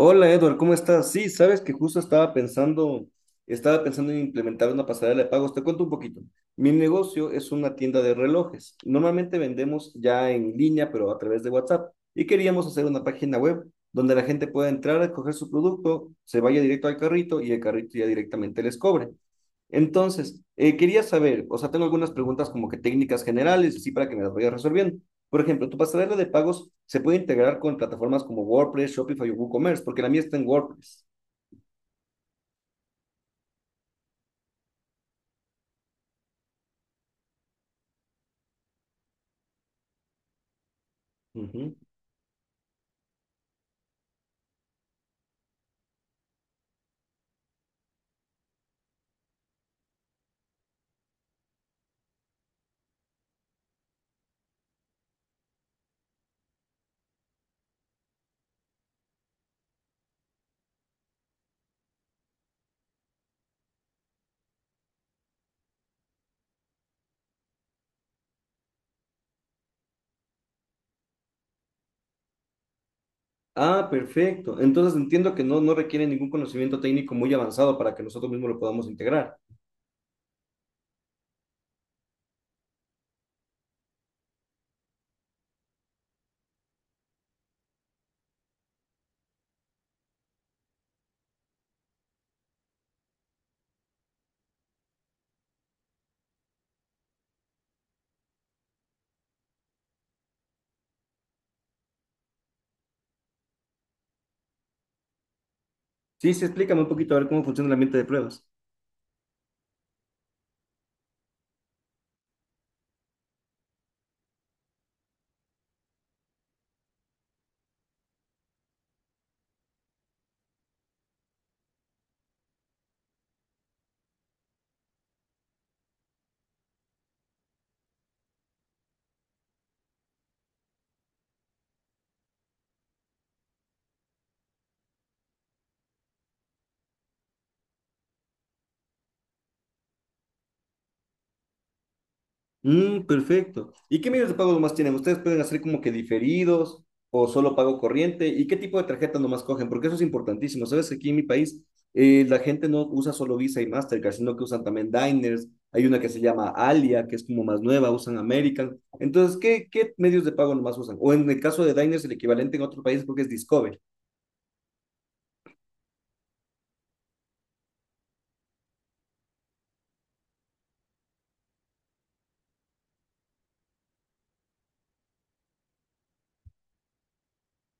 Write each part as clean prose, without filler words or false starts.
Hola Edward, ¿cómo estás? Sí, sabes que justo estaba pensando en implementar una pasarela de pagos. Te cuento un poquito. Mi negocio es una tienda de relojes. Normalmente vendemos ya en línea, pero a través de WhatsApp. Y queríamos hacer una página web donde la gente pueda entrar, a coger su producto, se vaya directo al carrito y el carrito ya directamente les cobre. Entonces, quería saber, o sea, tengo algunas preguntas como que técnicas generales, así para que me las vayas resolviendo. Por ejemplo, tu pasarela de pagos se puede integrar con plataformas como WordPress, Shopify o WooCommerce, porque la mía está en WordPress. Ujú. Ah, perfecto. Entonces entiendo que no requiere ningún conocimiento técnico muy avanzado para que nosotros mismos lo podamos integrar. Sí, sí, explícame un poquito a ver cómo funciona el ambiente de pruebas. Mm, perfecto. ¿Y qué medios de pago nomás tienen? ¿Ustedes pueden hacer como que diferidos o solo pago corriente? ¿Y qué tipo de tarjeta nomás cogen? Porque eso es importantísimo. Sabes que aquí en mi país la gente no usa solo Visa y Mastercard, sino que usan también Diners. Hay una que se llama Alia, que es como más nueva, usan American. Entonces, ¿qué medios de pago nomás usan? O en el caso de Diners, el equivalente en otro país creo que es Discover,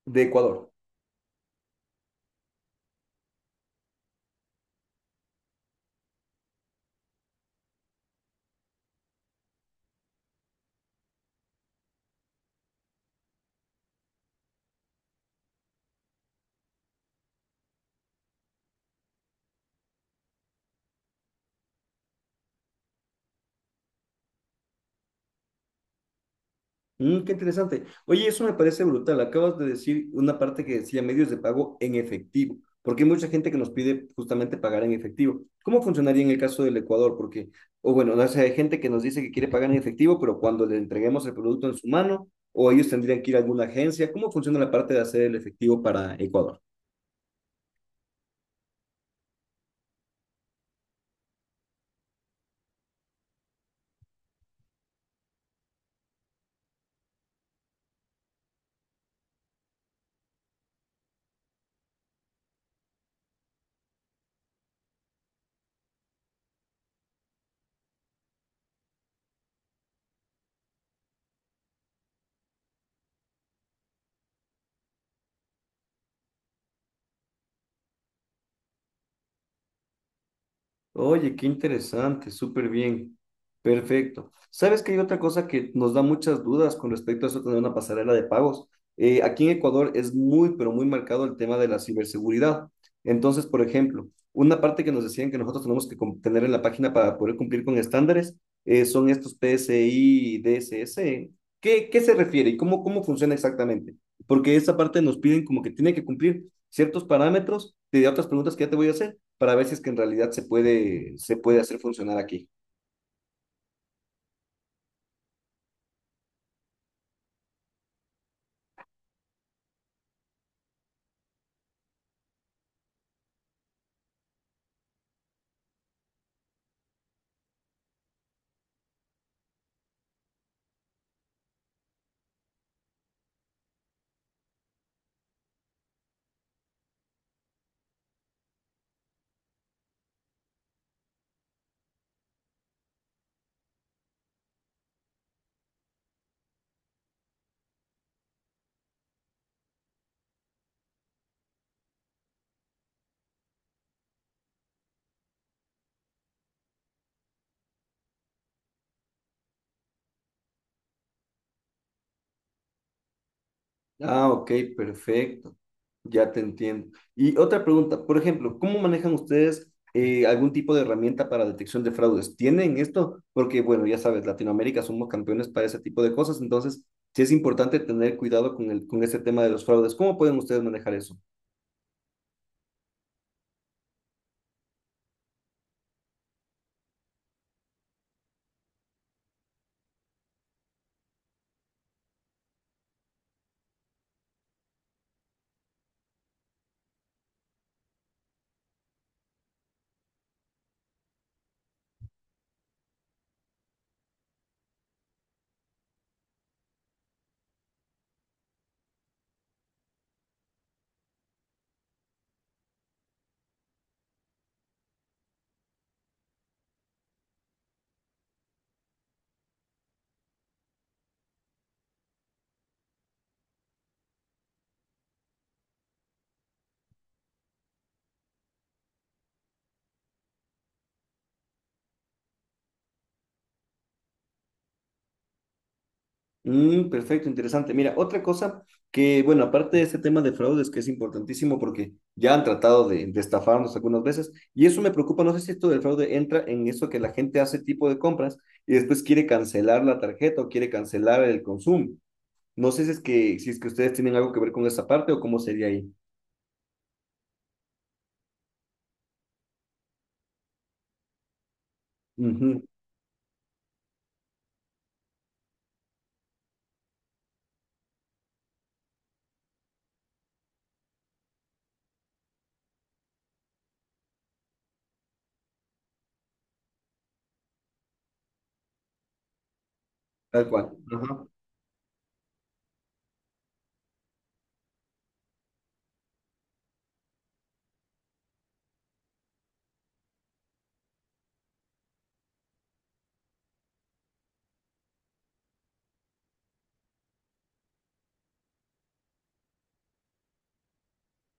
de Ecuador. Mm, qué interesante. Oye, eso me parece brutal. Acabas de decir una parte que decía medios de pago en efectivo, porque hay mucha gente que nos pide justamente pagar en efectivo. ¿Cómo funcionaría en el caso del Ecuador? Porque, o bueno, no sé, hay gente que nos dice que quiere pagar en efectivo, pero cuando le entreguemos el producto en su mano, o ellos tendrían que ir a alguna agencia. ¿Cómo funciona la parte de hacer el efectivo para Ecuador? Oye, qué interesante, súper bien. Perfecto. ¿Sabes que hay otra cosa que nos da muchas dudas con respecto a eso de tener una pasarela de pagos? Aquí en Ecuador es muy, pero muy marcado el tema de la ciberseguridad. Entonces, por ejemplo, una parte que nos decían que nosotros tenemos que tener en la página para poder cumplir con estándares son estos PCI, DSS. ¿Qué se refiere y cómo funciona exactamente? Porque esa parte nos piden como que tiene que cumplir ciertos parámetros de otras preguntas que ya te voy a hacer para ver si es que en realidad se puede hacer funcionar aquí. Ah, ok, perfecto. Ya te entiendo. Y otra pregunta, por ejemplo, ¿cómo manejan ustedes algún tipo de herramienta para detección de fraudes? ¿Tienen esto? Porque, bueno, ya sabes, Latinoamérica somos campeones para ese tipo de cosas, entonces sí es importante tener cuidado con el, con ese tema de los fraudes. ¿Cómo pueden ustedes manejar eso? Mm, perfecto, interesante. Mira, otra cosa que, bueno, aparte de este tema de fraudes, que es importantísimo porque ya han tratado de estafarnos algunas veces, y eso me preocupa, no sé si esto del fraude entra en eso que la gente hace tipo de compras y después quiere cancelar la tarjeta o quiere cancelar el consumo. No sé si es que ustedes tienen algo que ver con esa parte o cómo sería ahí. Ujú, tal cual. Ajá.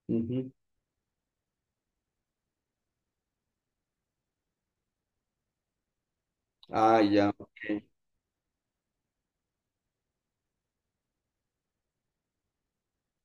Ujú. Ah, ya. Ok.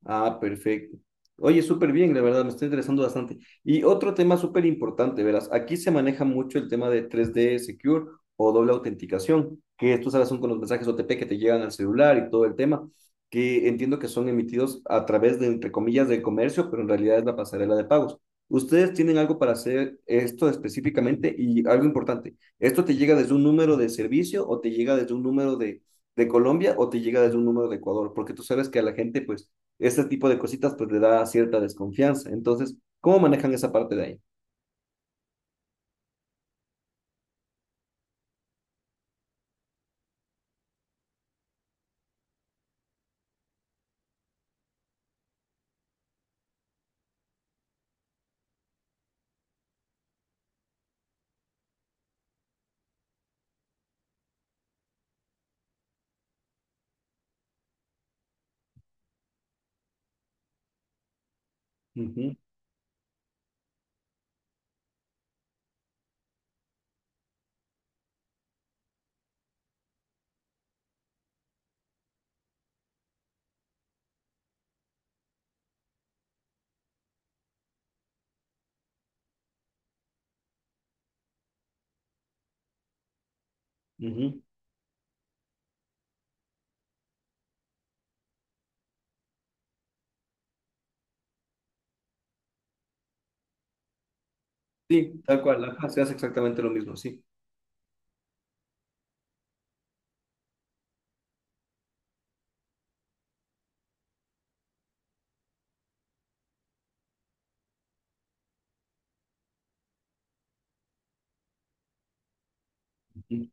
Ah, perfecto. Oye, súper bien, la verdad, me está interesando bastante. Y otro tema súper importante, verás, aquí se maneja mucho el tema de tres d Secure o doble autenticación, que tú sabes, son con los mensajes OTP que te llegan al celular y todo el tema, que entiendo que son emitidos a través de, entre comillas, del comercio, pero en realidad es la pasarela de pagos. ¿Ustedes tienen algo para hacer esto específicamente? Y algo importante, ¿esto te llega desde un número de servicio o te llega desde un número de Colombia o te llega desde un número de Ecuador? Porque tú sabes que a la gente, pues este tipo de cositas pues le da cierta desconfianza. Entonces, ¿cómo manejan esa parte de ahí? Ujú, ujú. Sí, tal cual, ajá, se hace exactamente lo mismo, sí. Ujú.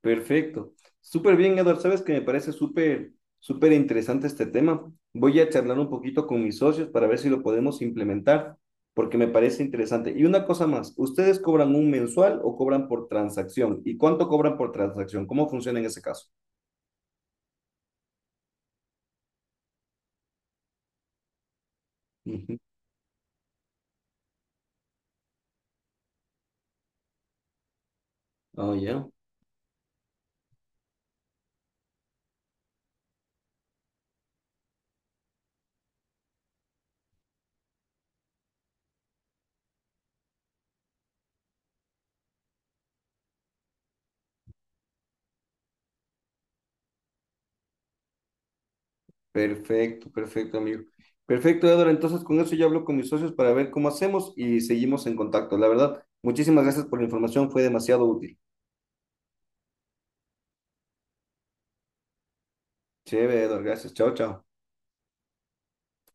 Perfecto. Súper bien, Eduardo. Sabes que me parece súper, súper interesante este tema. Voy a charlar un poquito con mis socios para ver si lo podemos implementar, porque me parece interesante. Y una cosa más, ¿ustedes cobran un mensual o cobran por transacción? ¿Y cuánto cobran por transacción? ¿Cómo funciona en ese caso? Ujú. Oh, ya. Perfecto, perfecto, amigo. Perfecto, Edward. Entonces, con eso ya hablo con mis socios para ver cómo hacemos y seguimos en contacto. La verdad, muchísimas gracias por la información, fue demasiado útil. Chévere, Edward. Gracias. Chao, chao.